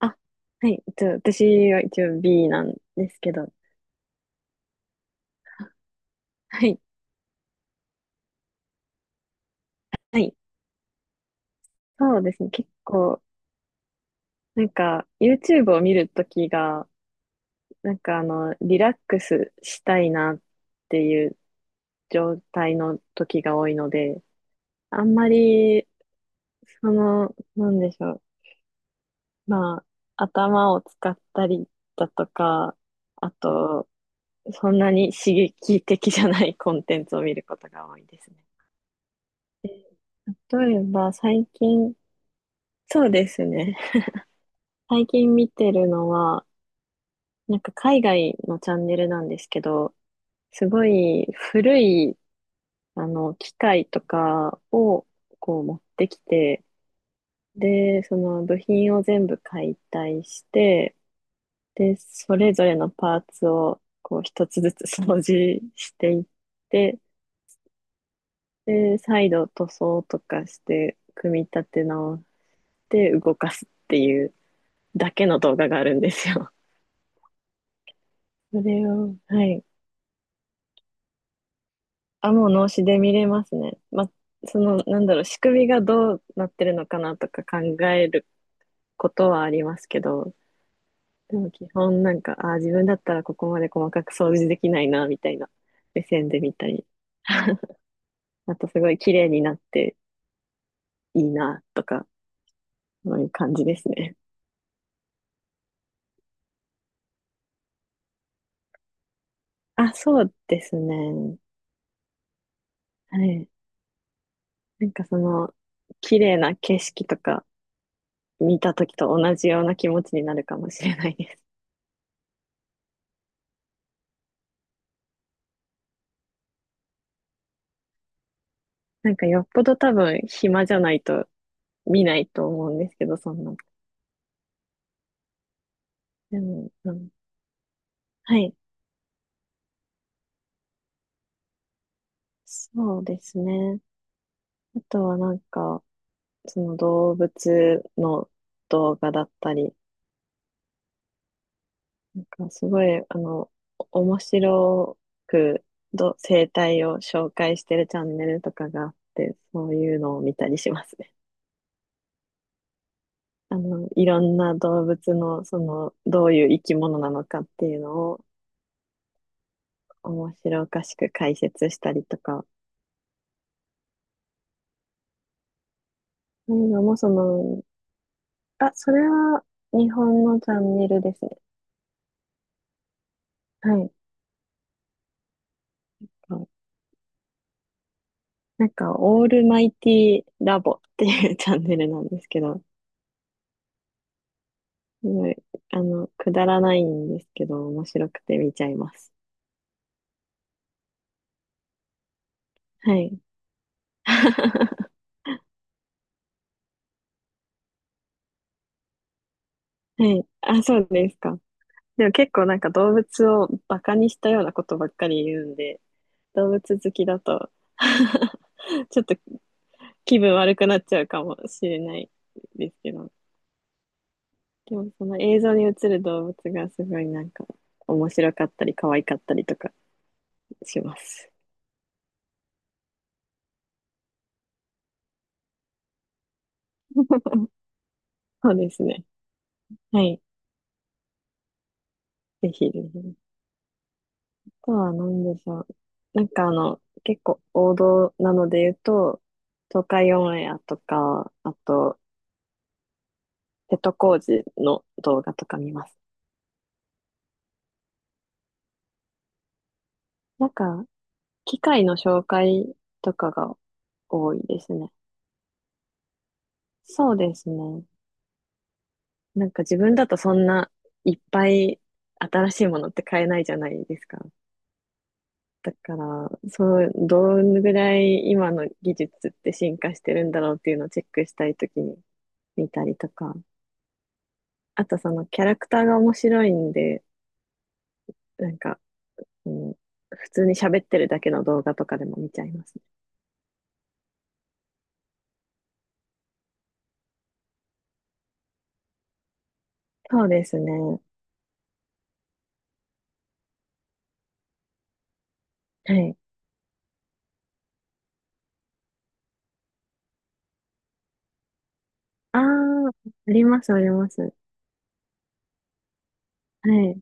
あ、はい。私は一応 B なんですけど。はい。はい。そうですね。結構、なんか、YouTube を見るときが、なんかあの、リラックスしたいなっていう状態の時が多いので、あんまり、その、なんでしょう。まあ、頭を使ったりだとか、あと、そんなに刺激的じゃないコンテンツを見ることが多いですね。例えば、最近、そうですね。最近見てるのは、なんか海外のチャンネルなんですけど、すごい古い、あの、機械とかをこう持ってきて、で、その部品を全部解体して、で、それぞれのパーツをこう一つずつ掃除していって、で、再度塗装とかして組み立て直して動かすっていうだけの動画があるんですよ。それを、はい、あ、もう脳死で見れますね。まあ、その、なんだろう、仕組みがどうなってるのかなとか考えることはありますけど、でも基本なんか、ああ自分だったらここまで細かく掃除できないな、みたいな目線で見たり、あとすごい綺麗になっていいな、とか、そういう感じですね。あ、そうですね。はい。なんかその、綺麗な景色とか見た時と同じような気持ちになるかもしれないです。なんかよっぽど多分暇じゃないと見ないと思うんですけど、そんな。でも、うん、はい。そうですね。あとはなんか、その動物の動画だったり、なんかすごい、あの、お面白くど生態を紹介してるチャンネルとかがあって、そういうのを見たりしますね。あの、いろんな動物の、その、どういう生き物なのかっていうのを面白おかしく解説したりとか、そういうのもその、あ、それは日本のチャンネルですね。はい。はい、なんか、オールマイティラボっていう チャンネルなんですけど、すごいあの、くだらないんですけど、面白くて見ちゃいます。はい。はい。あ、そうですか。でも結構なんか動物をバカにしたようなことばっかり言うんで、動物好きだと ちょっと気分悪くなっちゃうかもしれないですけど。でもその映像に映る動物がすごいなんか面白かったり可愛かったりとかします。そうですね。はい。ぜひぜひ。あとは何でしょう。なんかあの、結構王道なので言うと、東海オンエアとか、あと、瀬戸康史の動画とか見ます。なんか、機械の紹介とかが多いですね。そうですね。なんか自分だとそんないっぱい新しいものって買えないじゃないですか。だから、そう、どのぐらい今の技術って進化してるんだろうっていうのをチェックしたいときに見たりとか、あとそのキャラクターが面白いんで、なんか、うん、普通に喋ってるだけの動画とかでも見ちゃいますね。そうですね。はい。ああ、あります、あります。はい。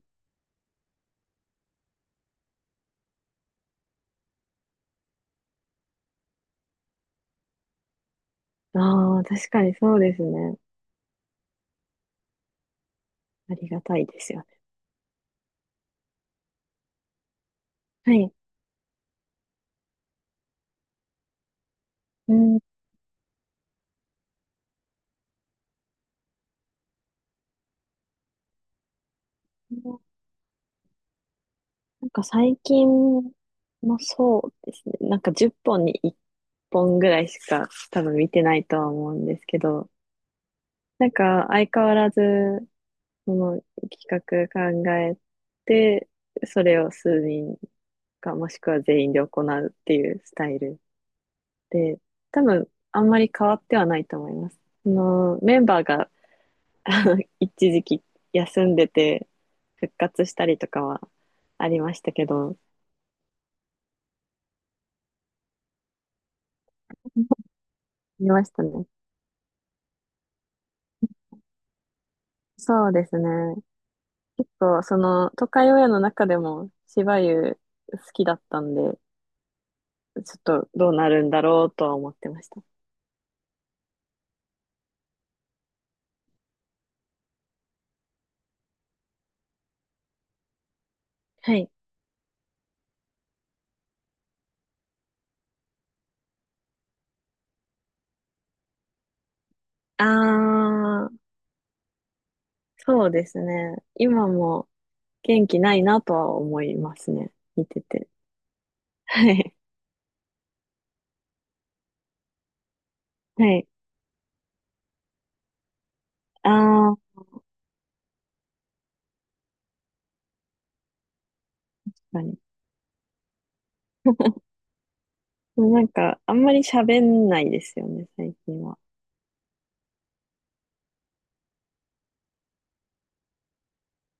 ああ、確かにそうですね。ありがたいですよね。はい。うん。なんか最近もそうですね。なんか10本に1本ぐらいしか多分見てないとは思うんですけど、なんか相変わらず、その企画考えて、それを数人かもしくは全員で行うっていうスタイルで、多分あんまり変わってはないと思います。そのメンバーが 一時期休んでて復活したりとかはありましたけど、見ましたね。そうですね。そう、その、都会親の中でも、芝生好きだったんで、ちょっとどうなるんだろうとは思ってました。はい。あー、そうですね。今も元気ないなとは思いますね。見てて。はい。はい。あー、確かに。でもなんか、あんまり喋んないですよね、最近は。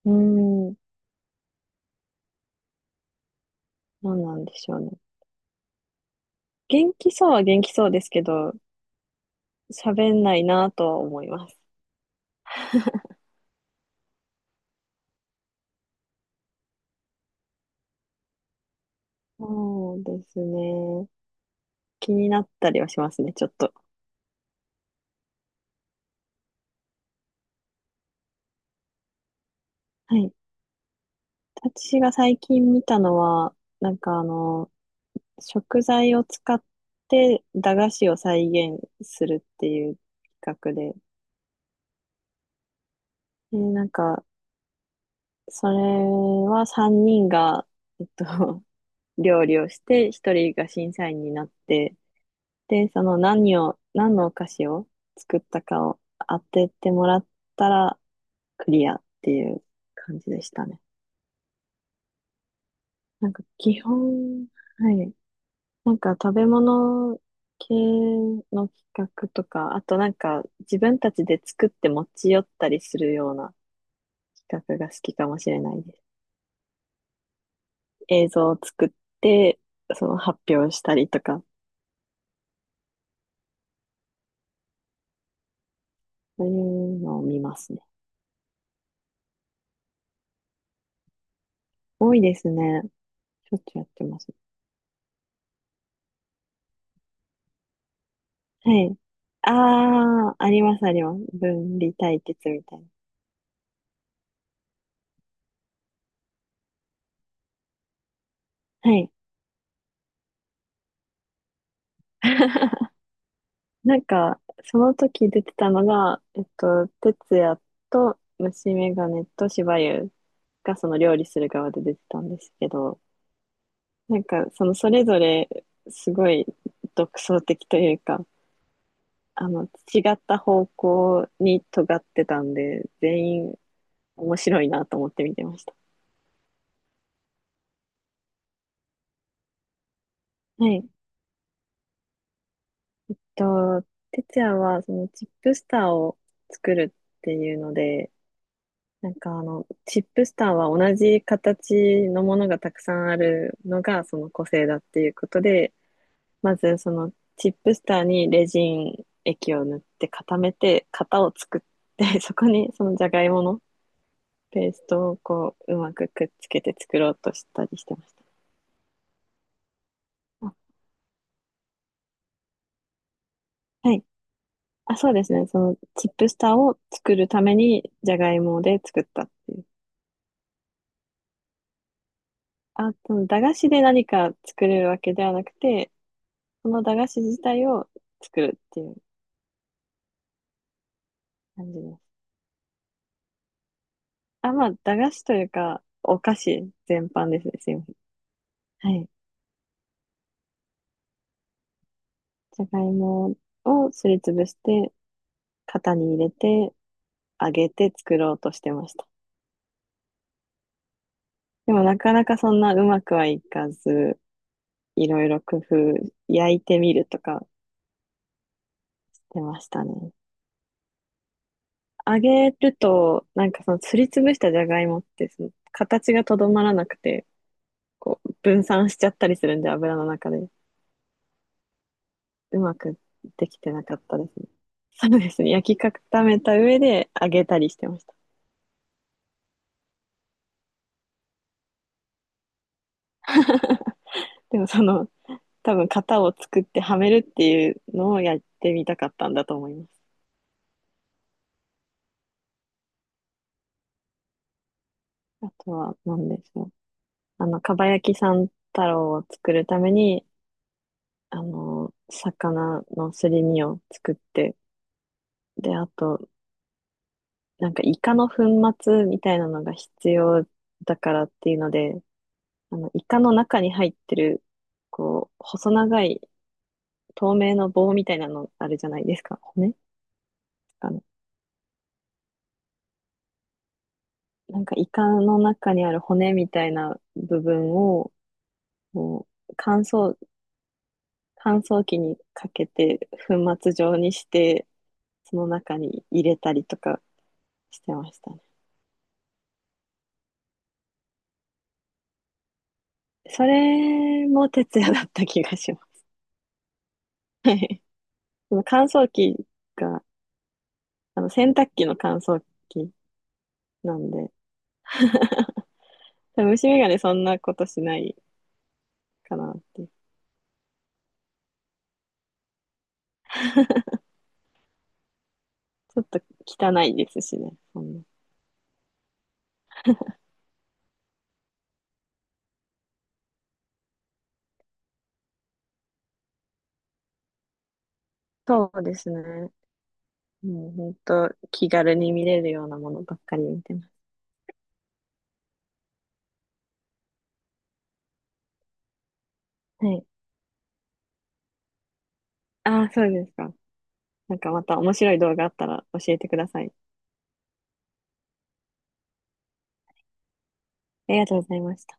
うーん、どうなんでしょうね。元気そうは元気そうですけど、喋んないなとは思います。そうですね。気になったりはしますね、ちょっと。はい。私が最近見たのは、なんかあの、食材を使って駄菓子を再現するっていう企画で、で、なんか、それは3人が、えっと、料理をして、1人が審査員になって、で、その何のお菓子を作ったかを当ててもらったら、クリアっていう感じでしたね。なんか基本、はい。なんか食べ物系の企画とか、あとなんか自分たちで作って持ち寄ったりするような企画が好きかもしれないです。映像を作って、その発表したりとか、そういうのを見ますね。多いですね。しょっちゅうやってます。はい。ああ、ありますあります。分離対決みたいな。はい。なんか、その時出てたのが、哲也と虫眼鏡としばゆうがその料理する側で出てたんですけど、なんか、そのそれぞれすごい独創的というか、あの、違った方向に尖ってたんで、全員面白いなと思って見てました。はい。と、哲也はそのチップスターを作るっていうので、なんかあの、チップスターは同じ形のものがたくさんあるのがその個性だっていうことで、まずそのチップスターにレジン液を塗って固めて型を作って、そこにそのじゃがいものペーストをこううまくくっつけて作ろうとしたりしてました。あ、はい。あ、そうですね。そのチップスターを作るためにじゃがいもで作ったっていう。あと、その駄菓子で何か作るわけではなくて、その駄菓子自体を作るっていう感じです。あ、まあ、駄菓子というか、お菓子全般ですね。すいません。はい。じゃがいもをすりつぶして、型に入れて、揚げて作ろうとしてました。でもなかなかそんなうまくはいかず、いろいろ工夫、焼いてみるとかしてましたね。揚げると、なんかそのすりつぶしたじゃがいもって、その形がとどまらなくて、こう分散しちゃったりするんで、油の中で。うまくできてなかったですね。そうですね。焼き固めた上で揚げたりしてました。でもその、多分型を作ってはめるっていうのをやってみたかったんだと思います。あとは何でしょう。あの、かば焼き三太郎を作るために、あの、魚のすり身を作って、で、あと、なんかイカの粉末みたいなのが必要だからっていうので、あの、イカの中に入ってる、こう、細長い透明の棒みたいなのあるじゃないですか。骨あの、なんかイカの中にある骨みたいな部分を、こう乾燥機にかけて粉末状にして、その中に入れたりとかしてましたね。それも徹夜だった気がします。はい。その乾燥機が、あの洗濯機の乾燥機なんで、多分虫眼鏡そんなことしないかなって。ちょっと汚いですしね、そんな。そうですね。もう本当気軽に見れるようなものばっかり見てます。はい。ああ、そうですか。なんかまた面白い動画あったら教えてください。ありがとうございました。